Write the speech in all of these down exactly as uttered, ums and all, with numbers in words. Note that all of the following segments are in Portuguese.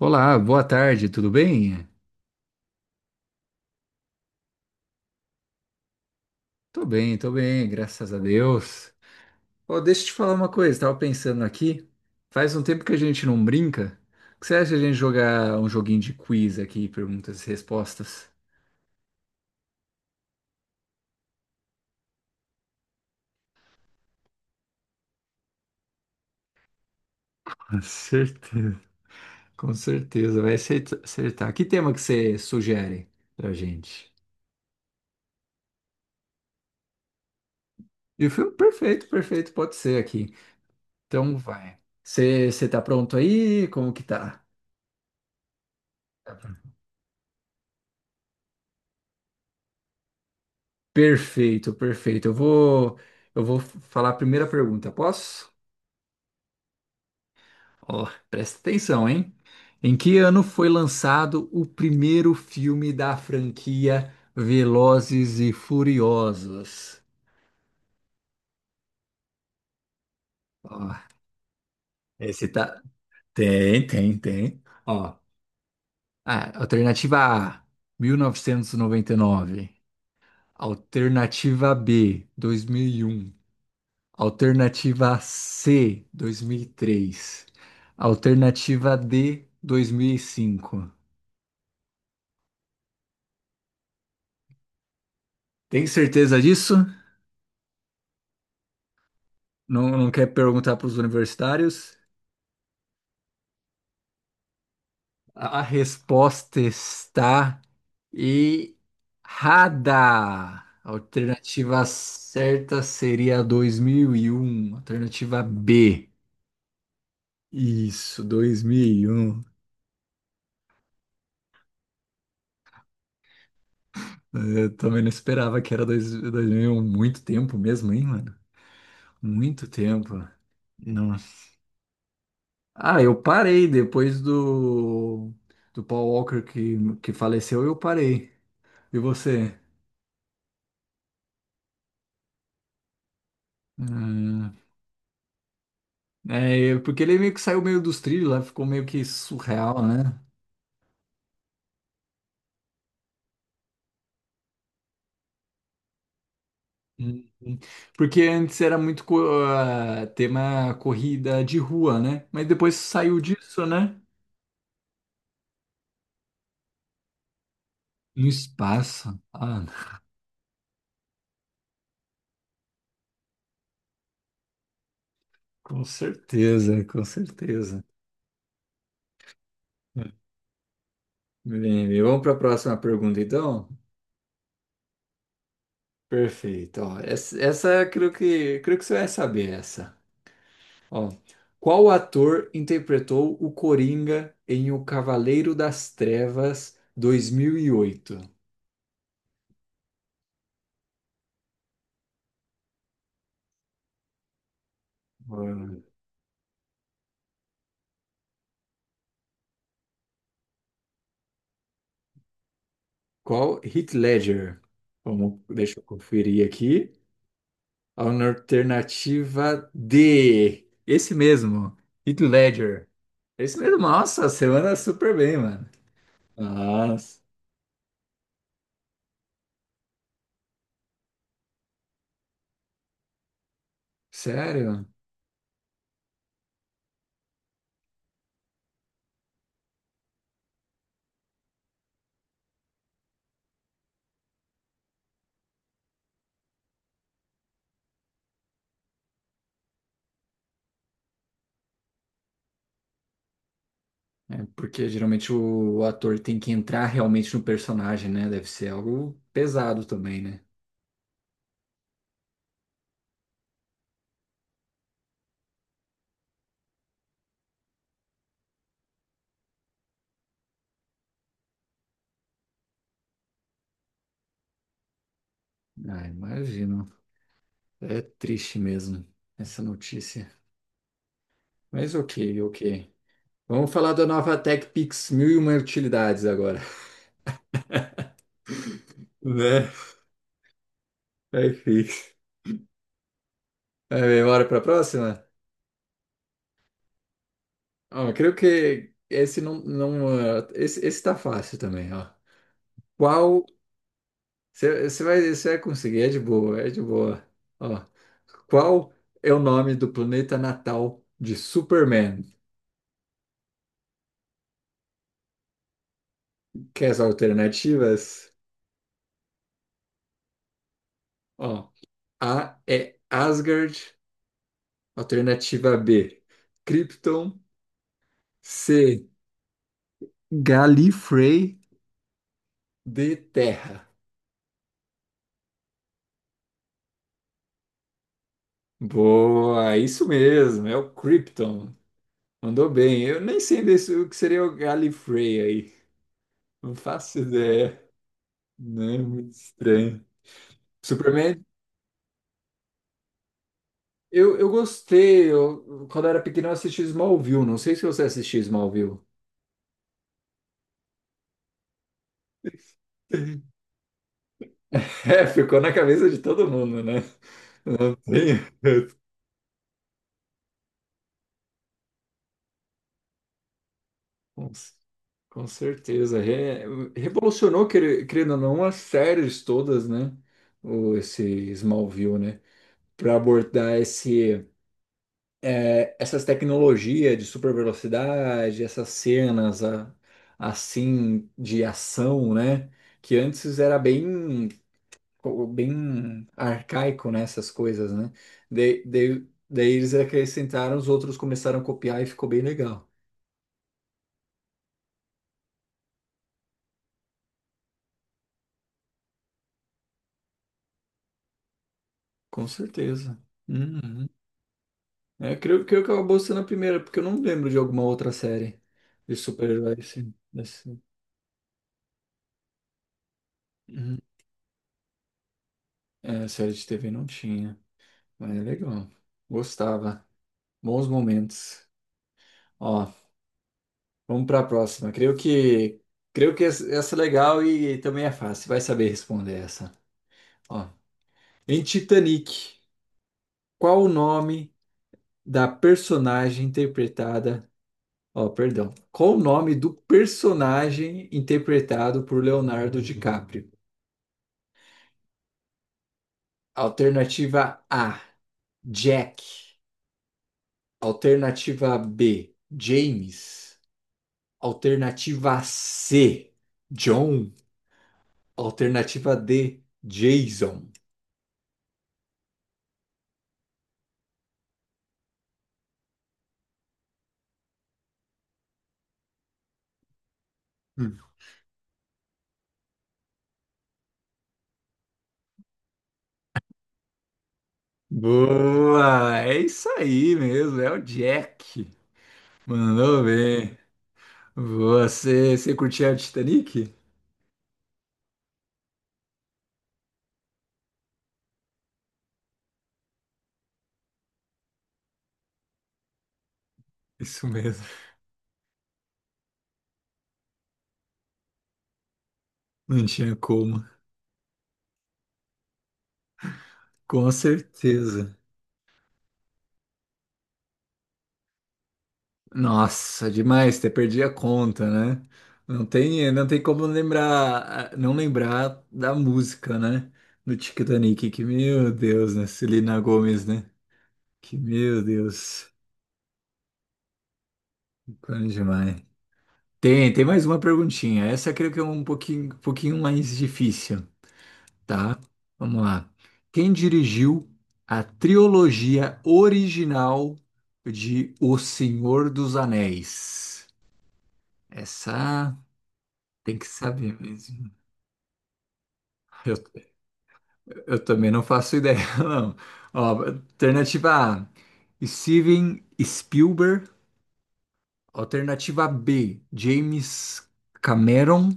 Olá, boa tarde, tudo bem? Tô bem, tô bem, graças a Deus. Ó, deixa eu te falar uma coisa, tava pensando aqui, faz um tempo que a gente não brinca. O que você acha de a gente jogar um joguinho de quiz aqui, perguntas e respostas? Com certeza. Com certeza, vai acerta- acertar. Que tema que você sugere pra gente? E o filme, perfeito, perfeito, pode ser aqui. Então vai. Você você tá pronto aí? Como que tá? Perfeito, perfeito. Eu vou, eu vou falar a primeira pergunta, posso? Ó, presta atenção, hein? Em que ano foi lançado o primeiro filme da franquia Velozes e Furiosos? Ó, esse tá. Tem, tem, tem. Ó, ah, alternativa A, mil novecentos e e noventa e nove. Alternativa B, dois mil e um. Alternativa C, dois mil e três. Alternativa D, dois mil e cinco. Tem certeza disso? Não, não quer perguntar para os universitários? A resposta está errada. A alternativa certa seria dois mil e um. Alternativa B. Isso, dois mil e um. Eu também não esperava que era dois- 2001. Muito tempo mesmo, hein, mano? Muito tempo. Não. Ah, eu parei depois do, do Paul Walker que, que faleceu, eu parei. E você? Ah, é, eu- porque ele meio que saiu meio dos trilhos lá, ficou meio que surreal, né? Uhum. Porque antes era muito co- ah, tema corrida de rua, né? Mas depois saiu disso, né? No espaço. Ah, com certeza, com certeza. Bem, vamos para a próxima pergunta, então? Perfeito. Ó, essa, essa creio que, creio que você vai saber essa. Ó, qual ator interpretou o Coringa em O Cavaleiro das Trevas dois mil e oito? Hum. Qual? Heath Ledger. Vamos, deixa eu conferir aqui. A alternativa D. Esse mesmo, Heath Ledger. Esse mesmo. Nossa, você anda super bem, mano. Nossa. Sério? É, porque geralmente o ator tem que entrar realmente no personagem, né? Deve ser algo pesado também, né? Ah, imagino. É triste mesmo essa notícia. Mas ok, ok. Vamos falar da nova TechPix mil e uma utilidades agora. Né? Aí fica. É, bora pra próxima? Ó, creio que esse não, não, ah, esse, esse tá fácil também, ó. Qual Você você vai, você vai conseguir, é de boa, é de boa. Ó, qual é o nome do planeta natal de Superman? Quer as alternativas? Ó, A é Asgard, alternativa B, Krypton, C, Gallifrey, D, Terra. Boa, isso mesmo, é o Krypton. Mandou bem. Eu nem sei desse- o que seria o Gallifrey aí. Não faço ideia. Não é muito estranho. Superman Eu, eu gostei, eu, quando eu era pequeno eu assisti Smallville, não sei se você assistiu Smallville. É, ficou na cabeça de todo mundo, né? Sim. Com, com certeza. Re- revolucionou, quer- querendo ou não, as séries todas, né? O, esse Smallville, né? Para abordar esse, é, essas tecnologias de super velocidade, essas cenas a- assim de ação, né? Que antes era bem, co- bem arcaico nessas coisas, né? Daí, daí, daí eles acrescentaram, os outros começaram a copiar e ficou bem legal. Com certeza. Uhum. É, creio, creio que acabou sendo a primeira, porque eu não lembro de alguma outra série de super-heróis assim, desse- Uhum. É, série de T V não tinha, mas é legal. Gostava. Bons momentos. Ó, vamos para a próxima. Creio que creio que essa essa é legal e também é fácil. Vai saber responder essa. Ó, em Titanic. Qual o nome da personagem interpretada? Ó, perdão. Qual o nome do personagem interpretado por Leonardo DiCaprio? Alternativa A, Jack. Alternativa B, James. Alternativa C, John. Alternativa D, Jason. Hum. Boa! É isso aí mesmo, é o Jack. Mandou bem. Você, você curtia o Titanic? Isso mesmo. Não tinha como. Com certeza. Nossa, demais, até perdi a conta, né? Não tem, não tem como lembrar, não lembrar da música, né? Do Titanic, que meu Deus, né? Celina Gomes, né? Que meu Deus, grande demais. Tem, tem mais uma perguntinha. Essa eu creio que é um pouquinho, pouquinho mais difícil. Tá, vamos lá. Quem dirigiu a trilogia original de O Senhor dos Anéis? Essa tem que saber mesmo. Eu, eu também não faço ideia, não. Ó, alternativa A, Steven Spielberg. Alternativa B, James Cameron.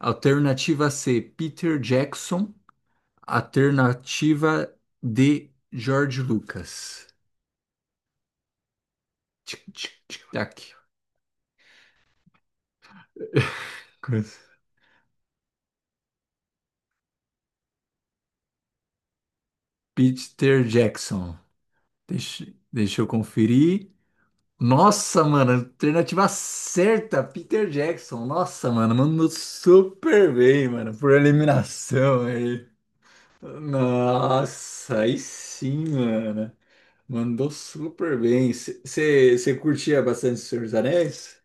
Alternativa C, Peter Jackson. Alternativa D, George Lucas. Tic, tic, tic, tac. Cruz. Peter Jackson. Deixa, deixa eu conferir. Nossa, mano, alternativa certa, Peter Jackson. Nossa, mano, mandou super bem, mano, por eliminação aí. Nossa, aí sim, mano. Mandou super bem. Você curtia bastante o Senhor dos Anéis?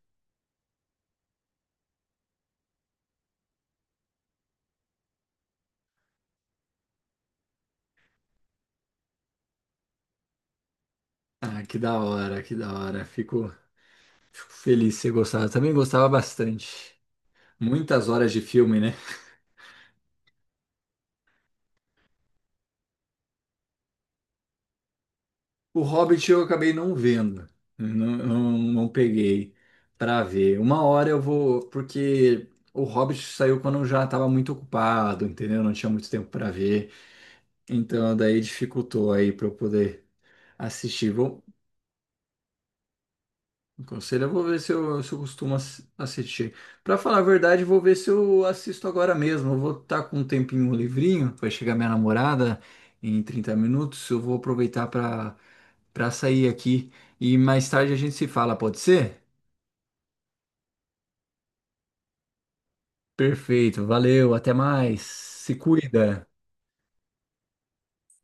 Ah, que da hora, que da hora. Fico, fico feliz de você gostava. Também gostava bastante. Muitas horas de filme, né? O Hobbit eu acabei não vendo, não, não, não peguei pra ver. Uma hora eu vou, porque o Hobbit saiu quando eu já estava muito ocupado, entendeu? Não tinha muito tempo pra ver, então daí dificultou aí para eu poder assistir. Vou- Conselho, eu vou ver se eu, se eu costumo ass- assistir. Pra falar a verdade, eu vou ver se eu assisto agora mesmo. Eu vou estar com um tempinho um livrinho, vai chegar minha namorada em trinta minutos. Eu vou aproveitar pra para sair aqui e mais tarde a gente se fala, pode ser? Perfeito, valeu, até mais. Se cuida.